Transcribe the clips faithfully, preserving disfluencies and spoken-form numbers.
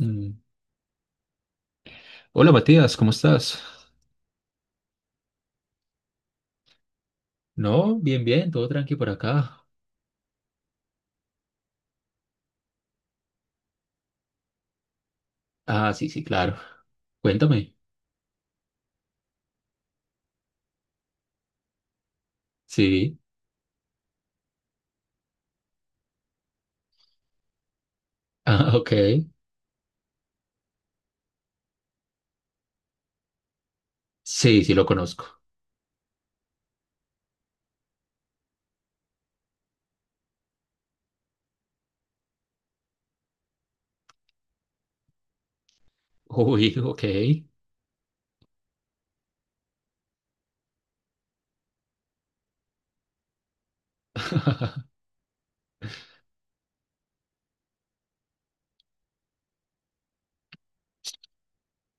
Mm. Hola Matías, ¿cómo estás? No, bien, bien, todo tranqui por acá. Ah, sí, sí, claro. Cuéntame. Sí. Ah, ok. Sí, sí, lo conozco. Uy, ok.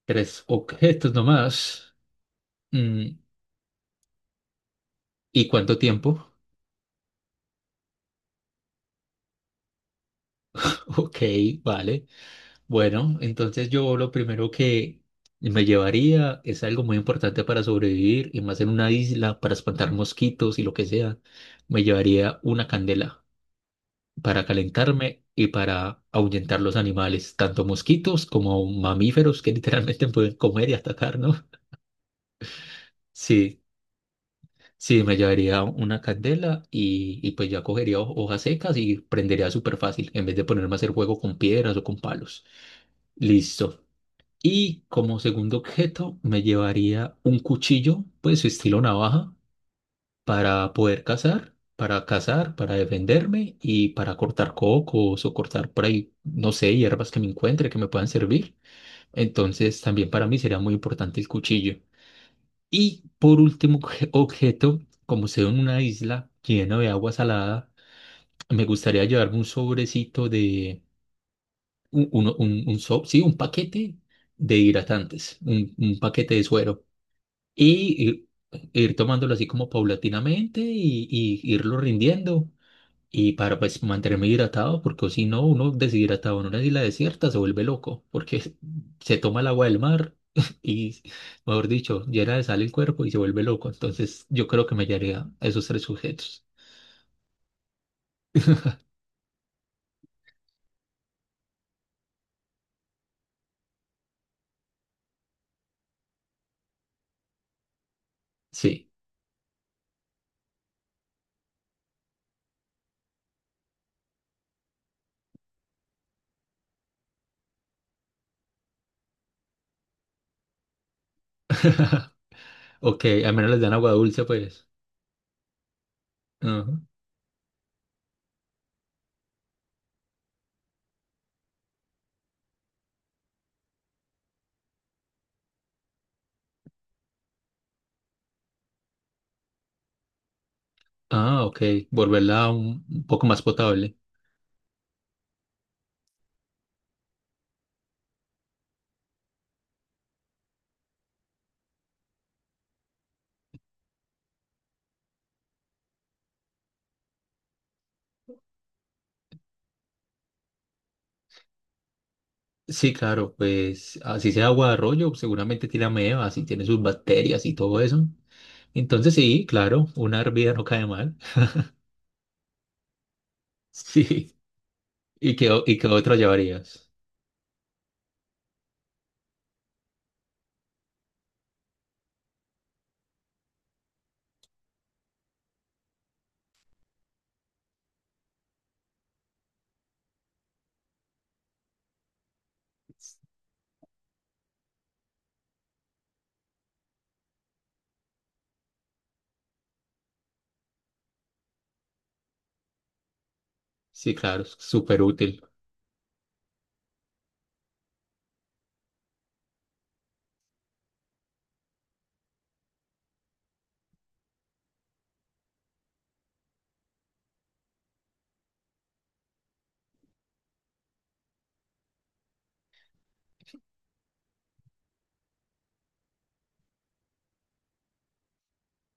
Tres objetos nomás. Mm, ¿Y cuánto tiempo? Ok, vale. Bueno, entonces yo lo primero que me llevaría es algo muy importante para sobrevivir y más en una isla para espantar mosquitos y lo que sea. Me llevaría una candela, para calentarme y para ahuyentar los animales, tanto mosquitos como mamíferos que literalmente pueden comer y atacar, ¿no? Sí, sí, me llevaría una candela y, y pues ya cogería ho- hojas secas y prendería súper fácil, en vez de ponerme a hacer fuego con piedras o con palos. Listo. Y como segundo objeto me llevaría un cuchillo, pues estilo navaja, para poder cazar, para cazar, para defenderme y para cortar cocos o cortar por ahí, no sé, hierbas que me encuentre que me puedan servir. Entonces, también para mí sería muy importante el cuchillo. Y por último, obje- objeto, como sea en una isla llena de agua salada, me gustaría llevarme un sobrecito de, un, uno- un, un so- sí, un paquete de hidratantes, un, un paquete de suero. Y ir ir tomándolo así como paulatinamente y, y irlo rindiendo. Y para pues mantenerme hidratado, porque si no, uno deshidratado en una isla desierta se vuelve loco, porque es- se toma el agua del mar y, mejor dicho, llena de sal el cuerpo y se vuelve loco. Entonces yo creo que me hallaría esos tres sujetos. Sí. Ok, al menos les dan agua dulce, pues. Ajá. Ah, ok. Volverla un, un poco más potable. Sí, claro, pues así sea agua de arroyo, seguramente tiene amebas y tiene sus bacterias y todo eso. Entonces sí, claro, una hervida no cae mal. Sí. ¿Y qué, o- y qué otro llevarías? Sí, claro, es súper útil.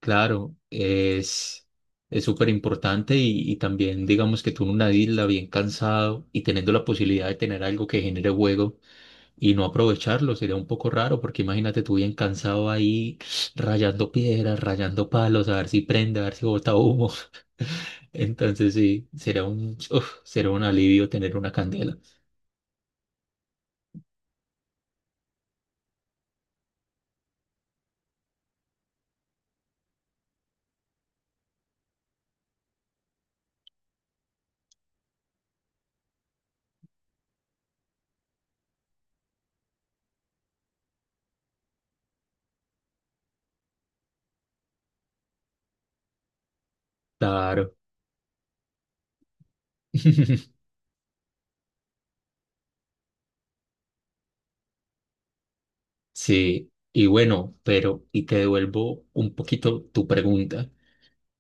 Claro, es es súper importante y, y también digamos que tú en una isla bien cansado y teniendo la posibilidad de tener algo que genere juego y no aprovecharlo sería un poco raro, porque imagínate tú bien cansado ahí rayando piedras, rayando palos, a ver si prende, a ver si bota humo. Entonces sí, será un, uf, será un alivio tener una candela. Claro. Sí, y bueno, pero, y te devuelvo un poquito tu pregunta.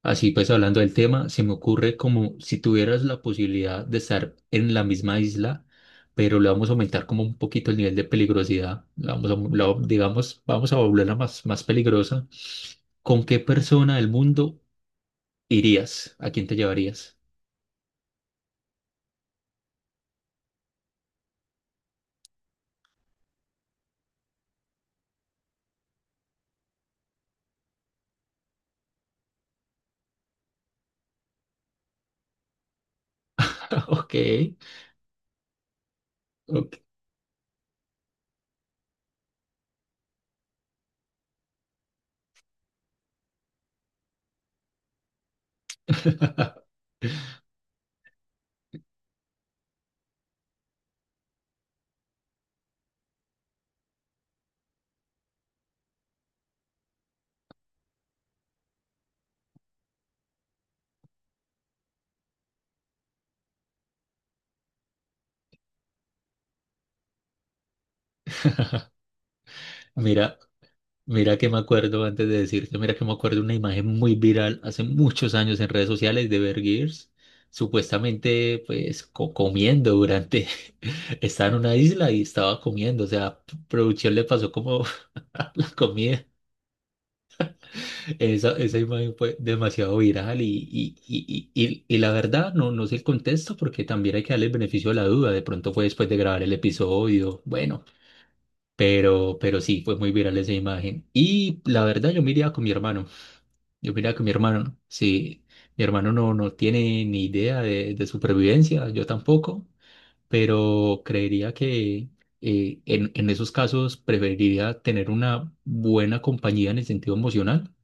Así pues, hablando del tema, se me ocurre como si tuvieras la posibilidad de estar en la misma isla, pero le vamos a aumentar como un poquito el nivel de peligrosidad. La vamos a, la- Digamos, vamos a volverla más, más peligrosa. ¿Con qué persona del mundo irías? ¿A quién te llevarías? Ok, ok. Mira, Mira que me acuerdo, antes de decirte, mira que me acuerdo una imagen muy viral hace muchos años en redes sociales de Bear Grylls, supuestamente pues co- comiendo durante, estaba en una isla y estaba comiendo, o sea, p- producción le pasó como la comida. Esa, esa imagen fue demasiado viral y, y, y, y, y- y la verdad no, no sé el contexto, porque también hay que darle el beneficio de la duda, de pronto fue después de grabar el episodio, bueno. Pero, pero sí, fue muy viral esa imagen. Y la verdad, yo me iría con mi hermano. Yo me iría con mi hermano. Sí, mi hermano no, no tiene ni idea de, de supervivencia, yo tampoco, pero creería que eh, en, en esos casos preferiría tener una buena compañía en el sentido emocional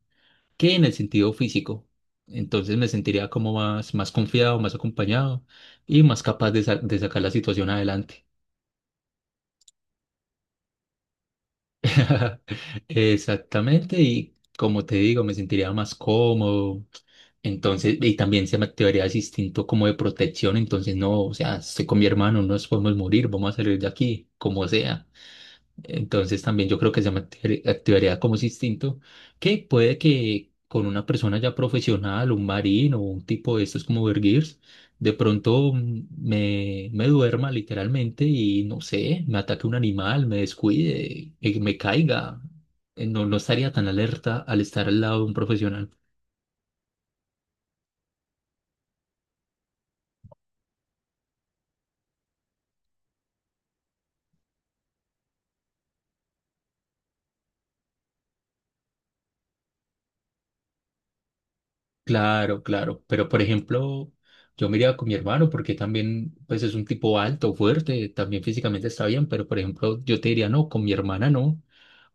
que en el sentido físico. Entonces me sentiría como más, más confiado, más acompañado y más capaz de, sa- de sacar la situación adelante. Exactamente, y como te digo, me sentiría más cómodo. Entonces, y también se me activaría ese instinto como de protección. Entonces, no, o sea, estoy con mi hermano, no nos podemos morir, vamos a salir de aquí, como sea. Entonces también yo creo que se me activar- activaría como ese instinto, que puede que con una persona ya profesional, un marino o un tipo de estos como Bear, de pronto mm, me, me duerma literalmente y no sé, me ataque un animal, me descuide, eh, me caiga. Eh, No, no estaría tan alerta al estar al lado de un profesional. Claro, claro. Pero por ejemplo, yo me iría con mi hermano porque también pues es un tipo alto, fuerte, también físicamente está bien, pero por ejemplo yo te diría no, con mi hermana no.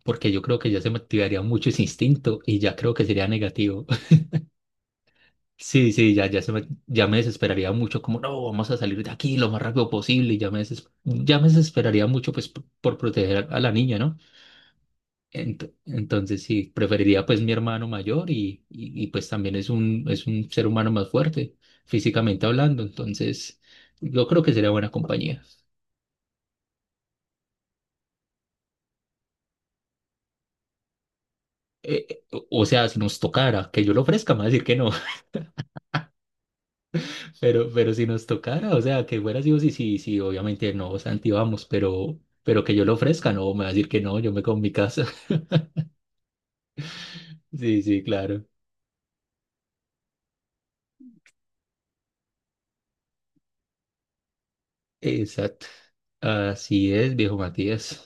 Porque yo creo que ya se me activaría mucho ese instinto y ya creo que sería negativo. Sí, sí, ya, ya, se me, ya me desesperaría mucho, como no, vamos a salir de aquí lo más rápido posible, y ya me, deses- ya me desesperaría mucho pues p- por proteger a la niña, ¿no? Ent- entonces sí, preferiría pues mi hermano mayor y, y, y, pues también es un, es un ser humano más fuerte, físicamente hablando, entonces yo creo que sería buena compañía. Eh, eh, o o sea, si nos tocara que yo lo ofrezca, me va a decir que no. Pero, pero si nos tocara, o sea, que fuera así, o sí, sí, sí, obviamente no, Santi, vamos, pero, pero que yo lo ofrezca, no, me va a decir que no, yo me quedo en mi casa. Sí, sí, claro. Exacto. Así es, viejo Matías.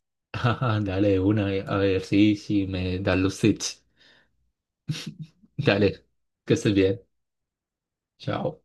Ajá, dale de una, eh, a ver si, si me dan los tips. Dale, que estés bien. Chao.